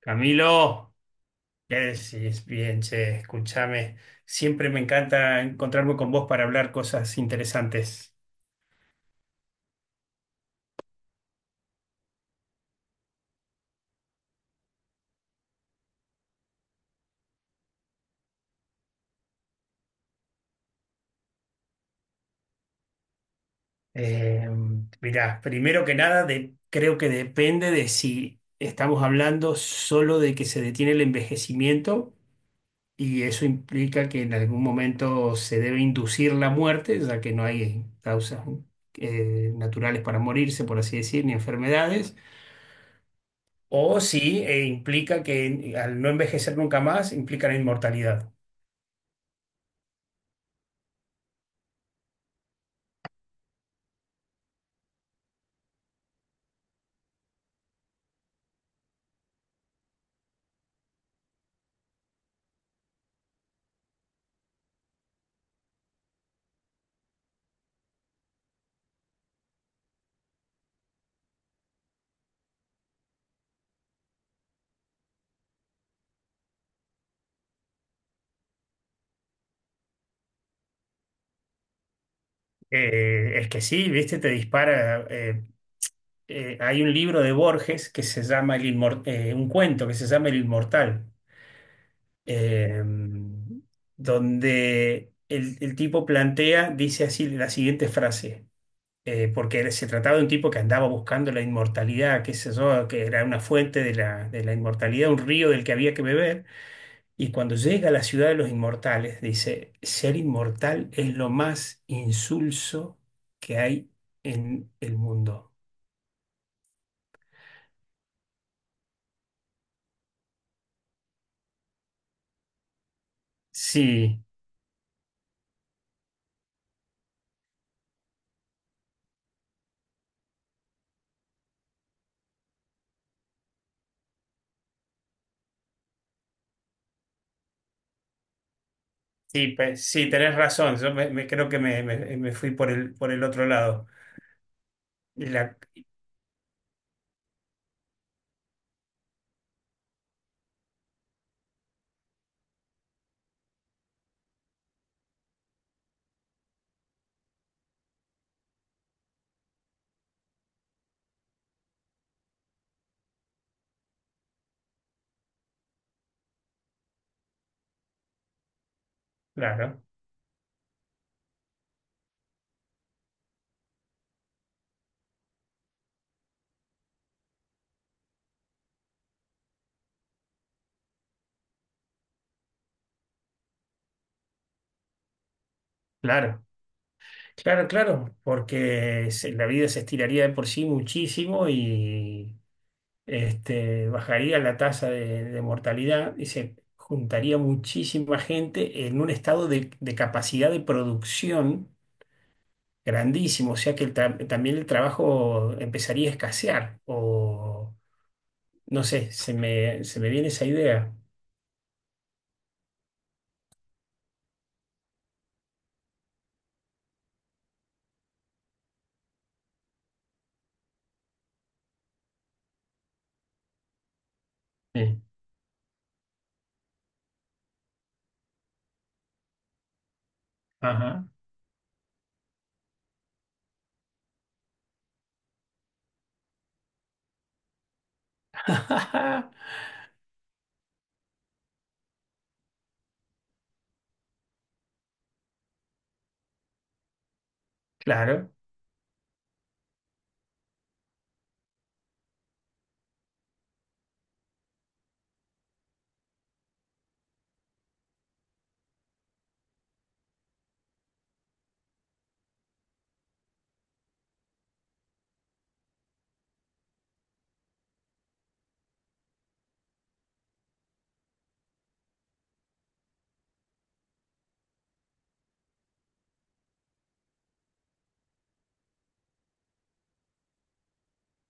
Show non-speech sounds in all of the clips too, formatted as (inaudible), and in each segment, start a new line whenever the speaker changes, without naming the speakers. Camilo, ¿qué decís? Bien, che, escúchame. Siempre me encanta encontrarme con vos para hablar cosas interesantes. Eh, Mirá, primero que nada, creo que depende de si estamos hablando solo de que se detiene el envejecimiento y eso implica que en algún momento se debe inducir la muerte, ya que no hay causas naturales para morirse, por así decir, ni enfermedades. O si implica que al no envejecer nunca más, implica la inmortalidad. Es que sí, viste, te dispara. Hay un libro de Borges que se llama un cuento que se llama El Inmortal, eh, donde el tipo plantea, dice así la siguiente frase. Porque se trataba de un tipo que andaba buscando la inmortalidad, qué sé yo, que era una fuente de la inmortalidad, un río del que había que beber. Y cuando llega a la ciudad de los inmortales, dice, ser inmortal es lo más insulso que hay en el mundo. Sí, sí, pues, sí, tenés razón. Creo que me fui por el otro lado. La- claro, claro, claro, claro, porque la vida se estiraría de por sí muchísimo este, bajaría la tasa de mortalidad y se juntaría muchísima gente en un estado de capacidad de producción grandísimo, o sea que también el trabajo empezaría a escasear, o no sé, se me viene esa idea. Sí. Ajá. (laughs) Claro.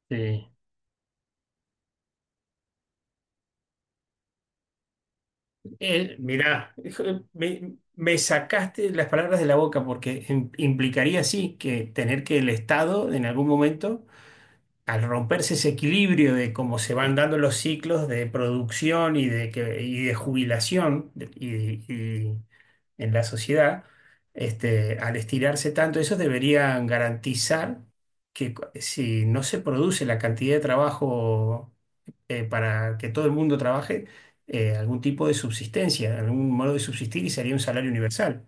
Sí. Mirá, hijo, me sacaste las palabras de la boca porque implicaría sí que tener que el Estado en algún momento al romperse ese equilibrio de cómo se van dando los ciclos de producción y de jubilación y en la sociedad, este, al estirarse tanto, esos deberían garantizar que si no se produce la cantidad de trabajo para que todo el mundo trabaje, algún tipo de subsistencia, algún modo de subsistir y sería un salario universal.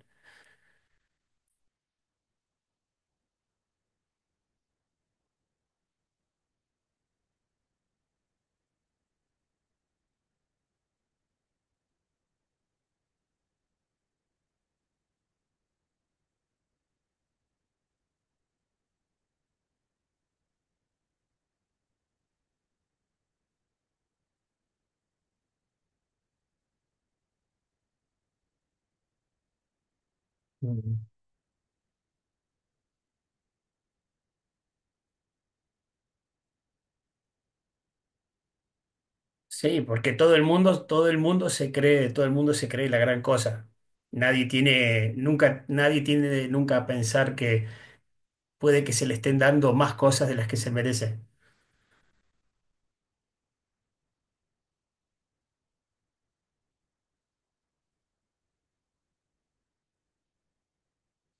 Sí, porque todo el mundo se cree, todo el mundo se cree la gran cosa. Nadie tiene, nunca, nadie tiene nunca a pensar que puede que se le estén dando más cosas de las que se merecen.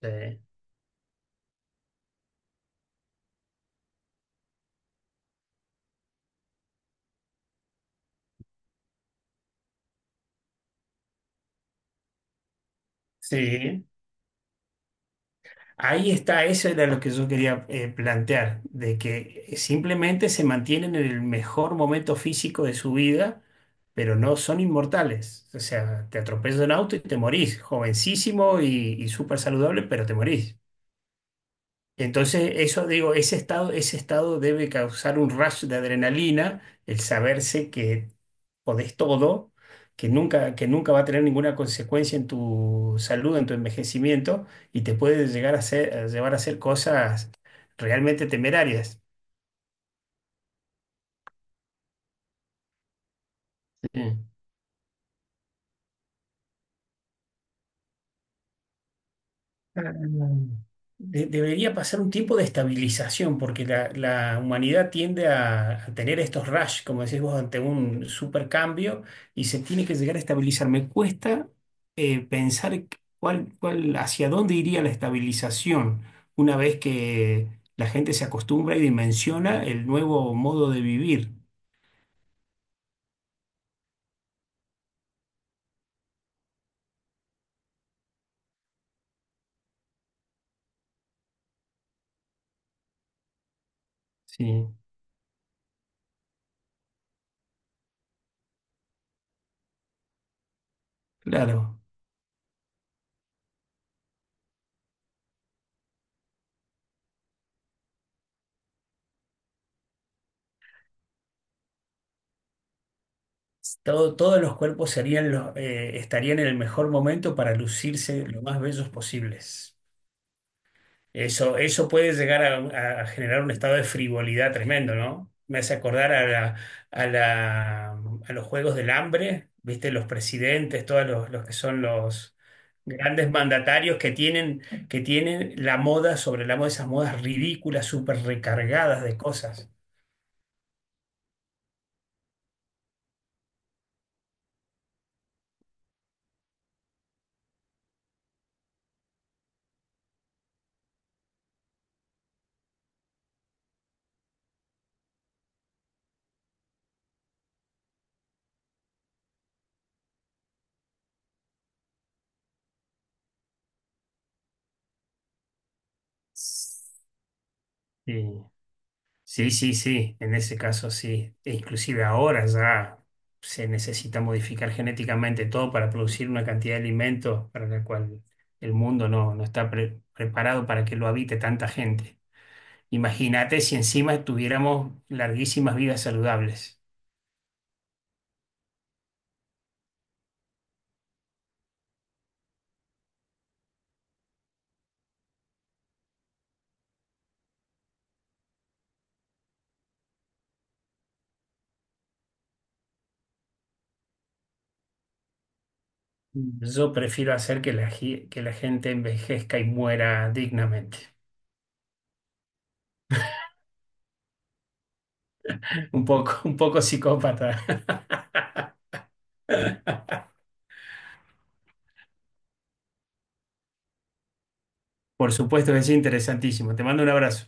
Eh, Sí. Ahí está, eso era lo que yo quería plantear, de que simplemente se mantienen en el mejor momento físico de su vida, pero no son inmortales. O sea, te atropella un auto y te morís, jovencísimo y súper saludable, pero te morís. Entonces, eso digo, ese estado debe causar un rush de adrenalina, el saberse que podés todo, que nunca va a tener ninguna consecuencia en tu salud, en tu envejecimiento, y te puede llegar a hacer, a llevar a hacer cosas realmente temerarias. Sí. Ah, debería pasar un tiempo de estabilización, porque la humanidad tiende a tener estos rush, como decís vos, ante un supercambio y se tiene que llegar a estabilizar. Me cuesta pensar hacia dónde iría la estabilización una vez que la gente se acostumbra y dimensiona el nuevo modo de vivir. Sí, claro. Todos los cuerpos serían los, estarían en el mejor momento para lucirse lo más bellos posibles. Eso puede llegar a generar un estado de frivolidad tremendo, ¿no? Me hace acordar a a la- a los Juegos del Hambre, ¿viste? Los presidentes, todos los que son los grandes mandatarios que tienen la moda sobre la moda, esas modas ridículas, súper recargadas de cosas. Sí. Sí, sí, sí, en ese caso sí. E inclusive ahora ya se necesita modificar genéticamente todo para producir una cantidad de alimentos para la cual el mundo no, no está preparado para que lo habite tanta gente. Imagínate si encima tuviéramos larguísimas vidas saludables. Yo prefiero hacer que que la gente envejezca y muera dignamente. (laughs) Un poco psicópata. (laughs) Por supuesto que es interesantísimo. Te mando un abrazo.